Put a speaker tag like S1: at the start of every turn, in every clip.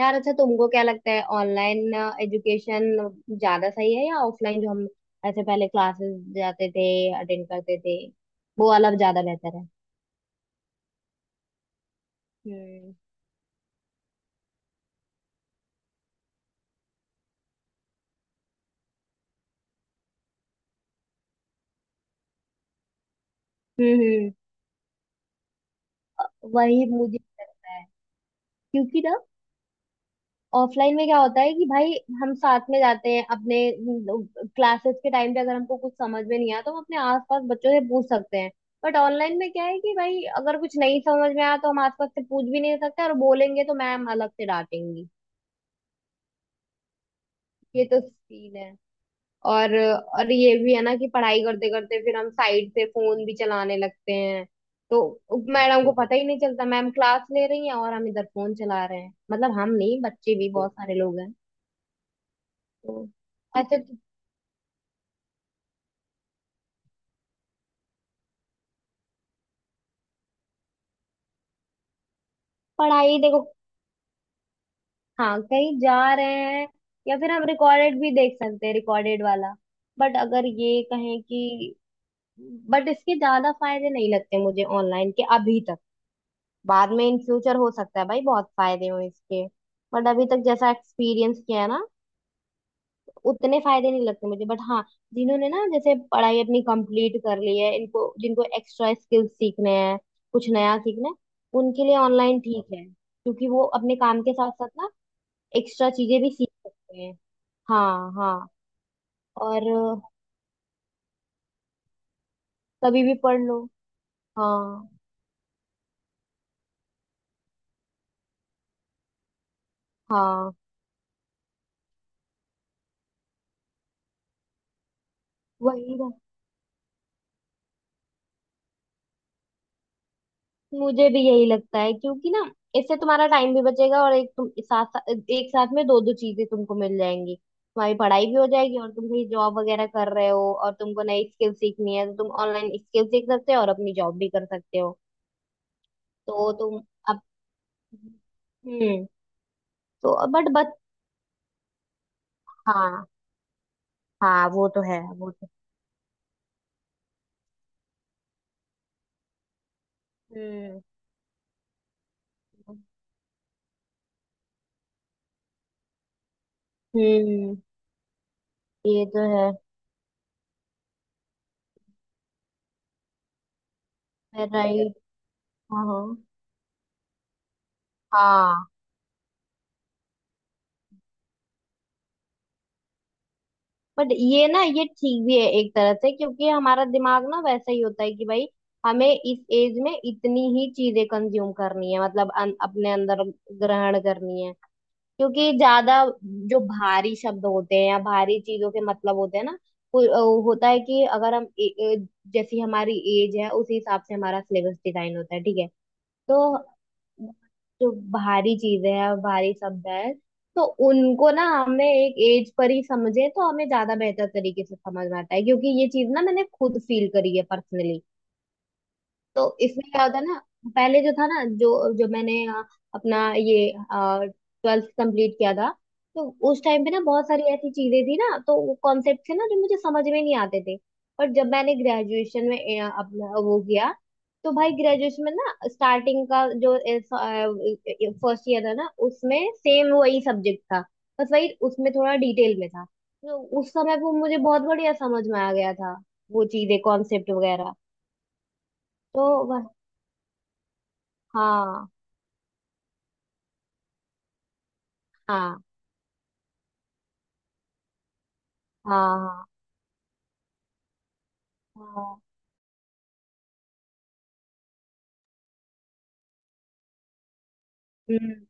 S1: यार अच्छा तुमको क्या लगता है ऑनलाइन एजुकेशन ज्यादा सही है या ऑफलाइन जो हम ऐसे पहले क्लासेस जाते थे अटेंड करते थे वो वाला ज्यादा बेहतर है। हम्म हम्म हम्म अ, वही मुझे भी लगता है क्योंकि ना ऑफलाइन में क्या होता है कि भाई हम साथ में जाते हैं अपने क्लासेस के टाइम पे अगर हमको कुछ समझ में नहीं आया तो हम अपने आसपास बच्चों से पूछ सकते हैं। बट ऑनलाइन में क्या है कि भाई अगर कुछ नहीं समझ में आया तो हम आसपास से पूछ भी नहीं सकते और बोलेंगे तो मैम अलग से डांटेंगी। ये तो सीन है। और ये भी है ना कि पढ़ाई करते करते फिर हम साइड से फोन भी चलाने लगते हैं। तो मैडम को पता ही नहीं चलता, मैम क्लास ले रही हैं और हम इधर फोन चला रहे हैं। मतलब हम नहीं, बच्चे भी बहुत सारे लोग हैं। तो अच्छा तो पढ़ाई देखो, हाँ कहीं जा रहे हैं या फिर हम रिकॉर्डेड भी देख सकते हैं, रिकॉर्डेड वाला। बट अगर ये कहें कि बट इसके ज्यादा फायदे नहीं लगते मुझे ऑनलाइन के, अभी तक। बाद में, इन फ्यूचर, हो सकता है भाई बहुत फायदे हो इसके। बट अभी तक जैसा एक्सपीरियंस किया है ना, उतने फायदे नहीं लगते मुझे। बट हाँ, जिन्होंने ना जैसे पढ़ाई अपनी कंप्लीट कर ली है इनको, जिनको एक्स्ट्रा स्किल्स सीखने हैं, कुछ नया सीखना है, उनके लिए ऑनलाइन ठीक है क्योंकि वो अपने काम के साथ साथ ना एक्स्ट्रा चीजें भी सीख सकते हैं। हाँ हाँ। और अ, कभी भी पढ़ लो। हाँ। हाँ, वही ना, मुझे भी यही लगता है क्योंकि ना इससे तुम्हारा टाइम भी बचेगा और एक साथ में दो दो चीजें तुमको मिल जाएंगी, तुम्हारी पढ़ाई भी हो जाएगी और तुम कहीं जॉब वगैरह कर रहे हो और तुमको नई स्किल सीखनी है तो तुम ऑनलाइन स्किल सीख सकते हो और अपनी जॉब भी कर सकते हो। तो तुम अब हम्म तो बट हाँ हाँ, वो तो है, वो तो। हम्म हम्म। ये तो है। राइट। हाँ हाँ, बट ये ना ये ठीक भी है एक तरह से क्योंकि हमारा दिमाग ना वैसा ही होता है कि भाई हमें इस एज में इतनी ही चीजें कंज्यूम करनी है, मतलब अपने अंदर ग्रहण करनी है। क्योंकि ज्यादा जो भारी शब्द होते हैं या भारी चीजों के मतलब होते हैं ना, वो होता है कि अगर हम ए, ए, जैसी हमारी एज है उसी हिसाब से हमारा सिलेबस डिजाइन होता है, ठीक है। तो जो भारी चीजें हैं और भारी शब्द है, तो उनको ना हमें एक एज पर ही समझे तो हमें ज्यादा बेहतर तरीके से समझ में आता है। क्योंकि ये चीज ना मैंने खुद फील करी है पर्सनली। तो इसमें क्या होता है ना, पहले जो था ना, जो जो मैंने अपना ये ट्वेल्थ कंप्लीट किया था, तो उस टाइम पे ना बहुत सारी ऐसी चीजें थी ना, तो वो कॉन्सेप्ट थे ना जो मुझे समझ में नहीं आते थे। पर जब मैंने ग्रेजुएशन में अपना वो किया, तो भाई ग्रेजुएशन में ना स्टार्टिंग का जो फर्स्ट ईयर था ना, उसमें सेम वही सब्जेक्ट था, बस वही उसमें थोड़ा डिटेल में था। तो उस समय वो मुझे बहुत बढ़िया समझ में आ गया था, वो चीजें, कॉन्सेप्ट वगैरह। तो हाँ हाँ, हाँ हाँ हाँ। हम्म।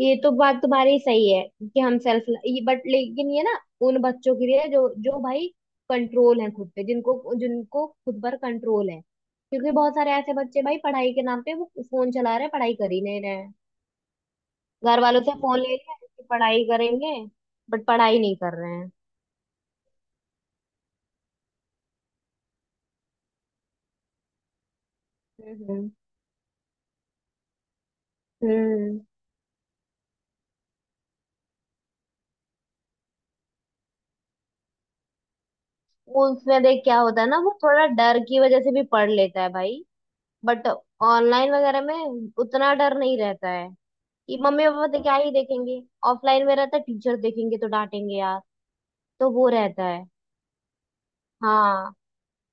S1: ये तो बात तुम्हारी सही है कि हम सेल्फ ये, बट लेकिन ये ना उन बच्चों के लिए जो जो भाई कंट्रोल है खुद पे, जिनको जिनको खुद पर कंट्रोल है। क्योंकि बहुत सारे ऐसे बच्चे भाई पढ़ाई के नाम पे वो फोन चला रहे हैं, पढ़ाई कर ही नहीं रहे हैं। घर वालों से फोन ले लिया कि पढ़ाई करेंगे, बट पढ़ाई नहीं कर रहे हैं। हम्म हम्म हम्म। वो उसमें देख क्या होता है ना, वो थोड़ा डर की वजह से भी पढ़ लेता है भाई। बट ऑनलाइन वगैरह में उतना डर नहीं रहता है कि मम्मी पापा तो क्या ही देखेंगे। ऑफलाइन में रहता है, टीचर देखेंगे तो डांटेंगे यार। तो वो रहता है। हाँ,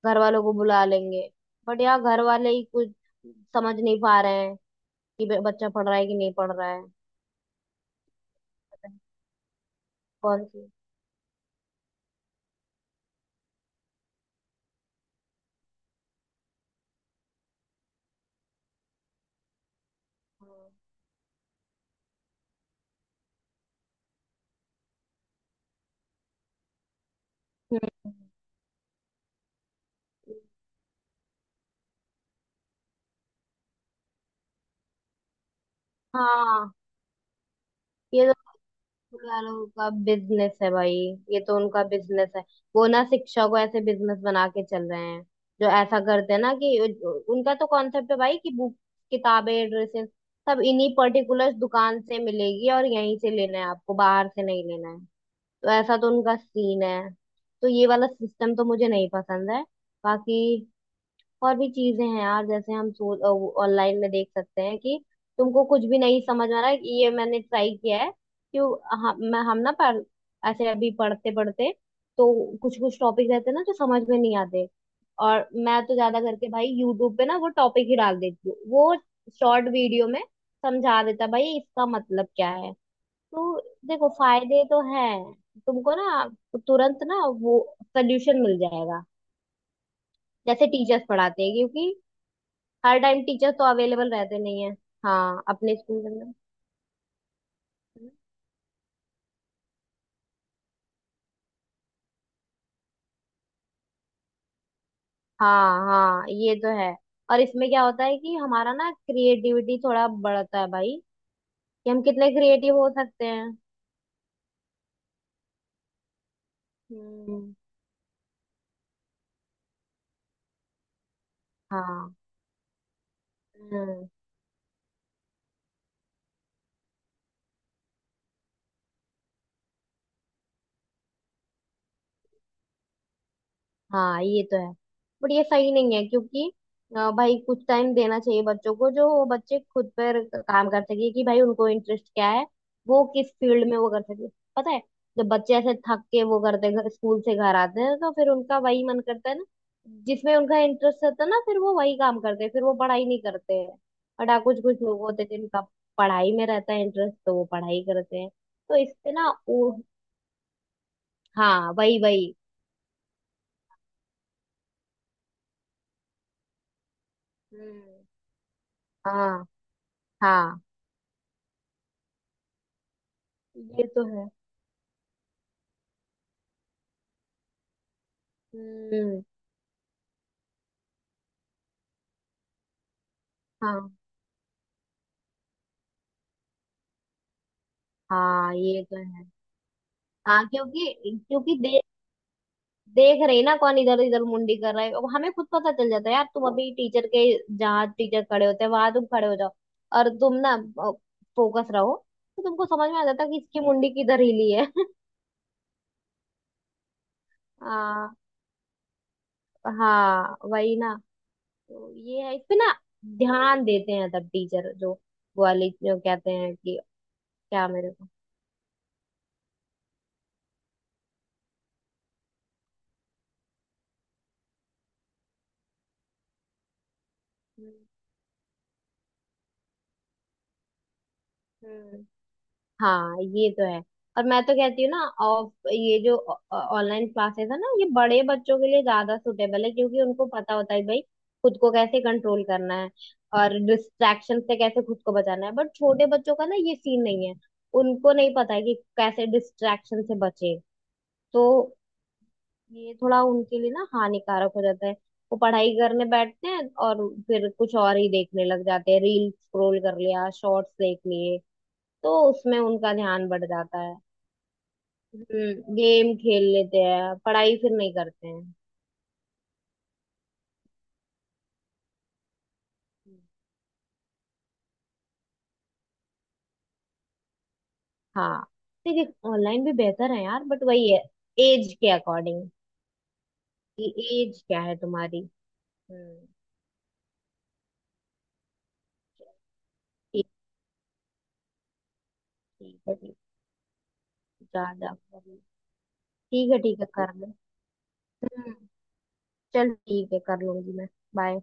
S1: घर वालों को बुला लेंगे। बट यार घर वाले ही कुछ समझ नहीं पा रहे हैं कि बच्चा पढ़ रहा है कि नहीं पढ़ रहा है। पता नहीं कौन सी। हाँ। हम्म। हाँ, ये तो दुकानों का बिजनेस है भाई, ये तो उनका बिजनेस है। वो ना शिक्षा को ऐसे बिजनेस बना के चल रहे हैं, जो ऐसा करते हैं ना कि उनका तो कॉन्सेप्ट है भाई कि बुक, किताबें, ड्रेसेस, सब इन्हीं पर्टिकुलर दुकान से मिलेगी और यहीं से लेना है आपको, बाहर से नहीं लेना है। तो ऐसा तो उनका सीन है। तो ये वाला सिस्टम तो मुझे नहीं पसंद है। बाकी और भी चीजें हैं यार, जैसे हम ऑनलाइन में देख सकते हैं कि तुमको कुछ भी नहीं समझ आ रहा है, ये मैंने ट्राई किया है कि वो- हम मैं हम ना पढ़ ऐसे अभी पढ़ते पढ़ते, तो कुछ कुछ टॉपिक रहते हैं ना जो समझ में नहीं आते, और मैं तो ज्यादा करके भाई यूट्यूब पे ना वो टॉपिक ही डाल देती हूँ, वो शॉर्ट वीडियो में समझा देता है भाई, इसका मतलब क्या है। तो देखो फायदे तो हैं, तुमको ना तुरंत ना वो सोल्यूशन मिल जाएगा, जैसे टीचर्स पढ़ाते हैं, क्योंकि हर टाइम टीचर तो अवेलेबल रहते नहीं है। हाँ, अपने स्कूल के अंदर। हाँ हाँ, ये तो है। और इसमें क्या होता है कि हमारा ना क्रिएटिविटी थोड़ा बढ़ता है भाई, कि हम कितने क्रिएटिव हो सकते हैं। हम्म। हाँ। हम्म। हाँ ये तो है, बट ये सही नहीं है। क्योंकि भाई कुछ टाइम देना चाहिए बच्चों को, जो वो बच्चे खुद पर काम कर सके कि भाई उनको इंटरेस्ट क्या है, वो किस फील्ड में वो कर सके। पता है, जब बच्चे ऐसे थक के वो करते हैं, स्कूल से घर आते हैं, तो फिर उनका वही मन करता है ना, जिसमें उनका इंटरेस्ट होता है ना, फिर वो वही काम करते हैं, फिर वो पढ़ाई नहीं करते हैं। बट हाँ, कुछ कुछ लोग होते हैं जिनका पढ़ाई में रहता है इंटरेस्ट, तो वो पढ़ाई करते हैं। तो इससे ना वो, हाँ वही वही। हम्म। हाँ हाँ, ये तो है। हम्म। हाँ हाँ, ये तो है। हाँ क्योंकि, क्योंकि देख रहे ना कौन इधर इधर मुंडी कर रहा है। अब हमें खुद पता चल जाता है यार, तुम अभी टीचर के, जहाँ टीचर खड़े होते हैं वहां तुम खड़े हो जाओ और तुम ना फोकस रहो, तो तुमको समझ में आ जाता है कि इसकी मुंडी किधर हिली है। आ, हाँ वही ना। तो ये है, इस पे ना ध्यान देते हैं तब टीचर, जो वो वाली जो कहते हैं कि क्या मेरे को। हम्म हम्म। हाँ ये तो है। और मैं तो कहती हूँ ना ऑफ ये जो ऑनलाइन क्लासेस है ना, ये बड़े बच्चों के लिए ज्यादा सुटेबल है, क्योंकि उनको पता होता है भाई खुद को कैसे कंट्रोल करना है और डिस्ट्रैक्शन से कैसे खुद को बचाना है। बट छोटे बच्चों का ना ये सीन नहीं है, उनको नहीं पता है कि कैसे डिस्ट्रैक्शन से बचे। तो ये थोड़ा उनके लिए ना हानिकारक हो जाता है। वो पढ़ाई करने बैठते हैं और फिर कुछ और ही देखने लग जाते हैं, रील स्क्रॉल कर लिया, शॉर्ट्स देख लिए, तो उसमें उनका ध्यान बढ़ जाता है। हम्म, गेम खेल लेते हैं, पढ़ाई फिर नहीं करते हैं। हम्म। हाँ, देखिए ऑनलाइन भी बेहतर है यार, बट वही है, एज के अकॉर्डिंग कि एज क्या है तुम्हारी। हम्म। ठीक। ठीक है, ठीक है, जा जा कर ले। ठीक है ठीक है, कर ले। हम्म, चल ठीक है, कर लूंगी मैं। बाय।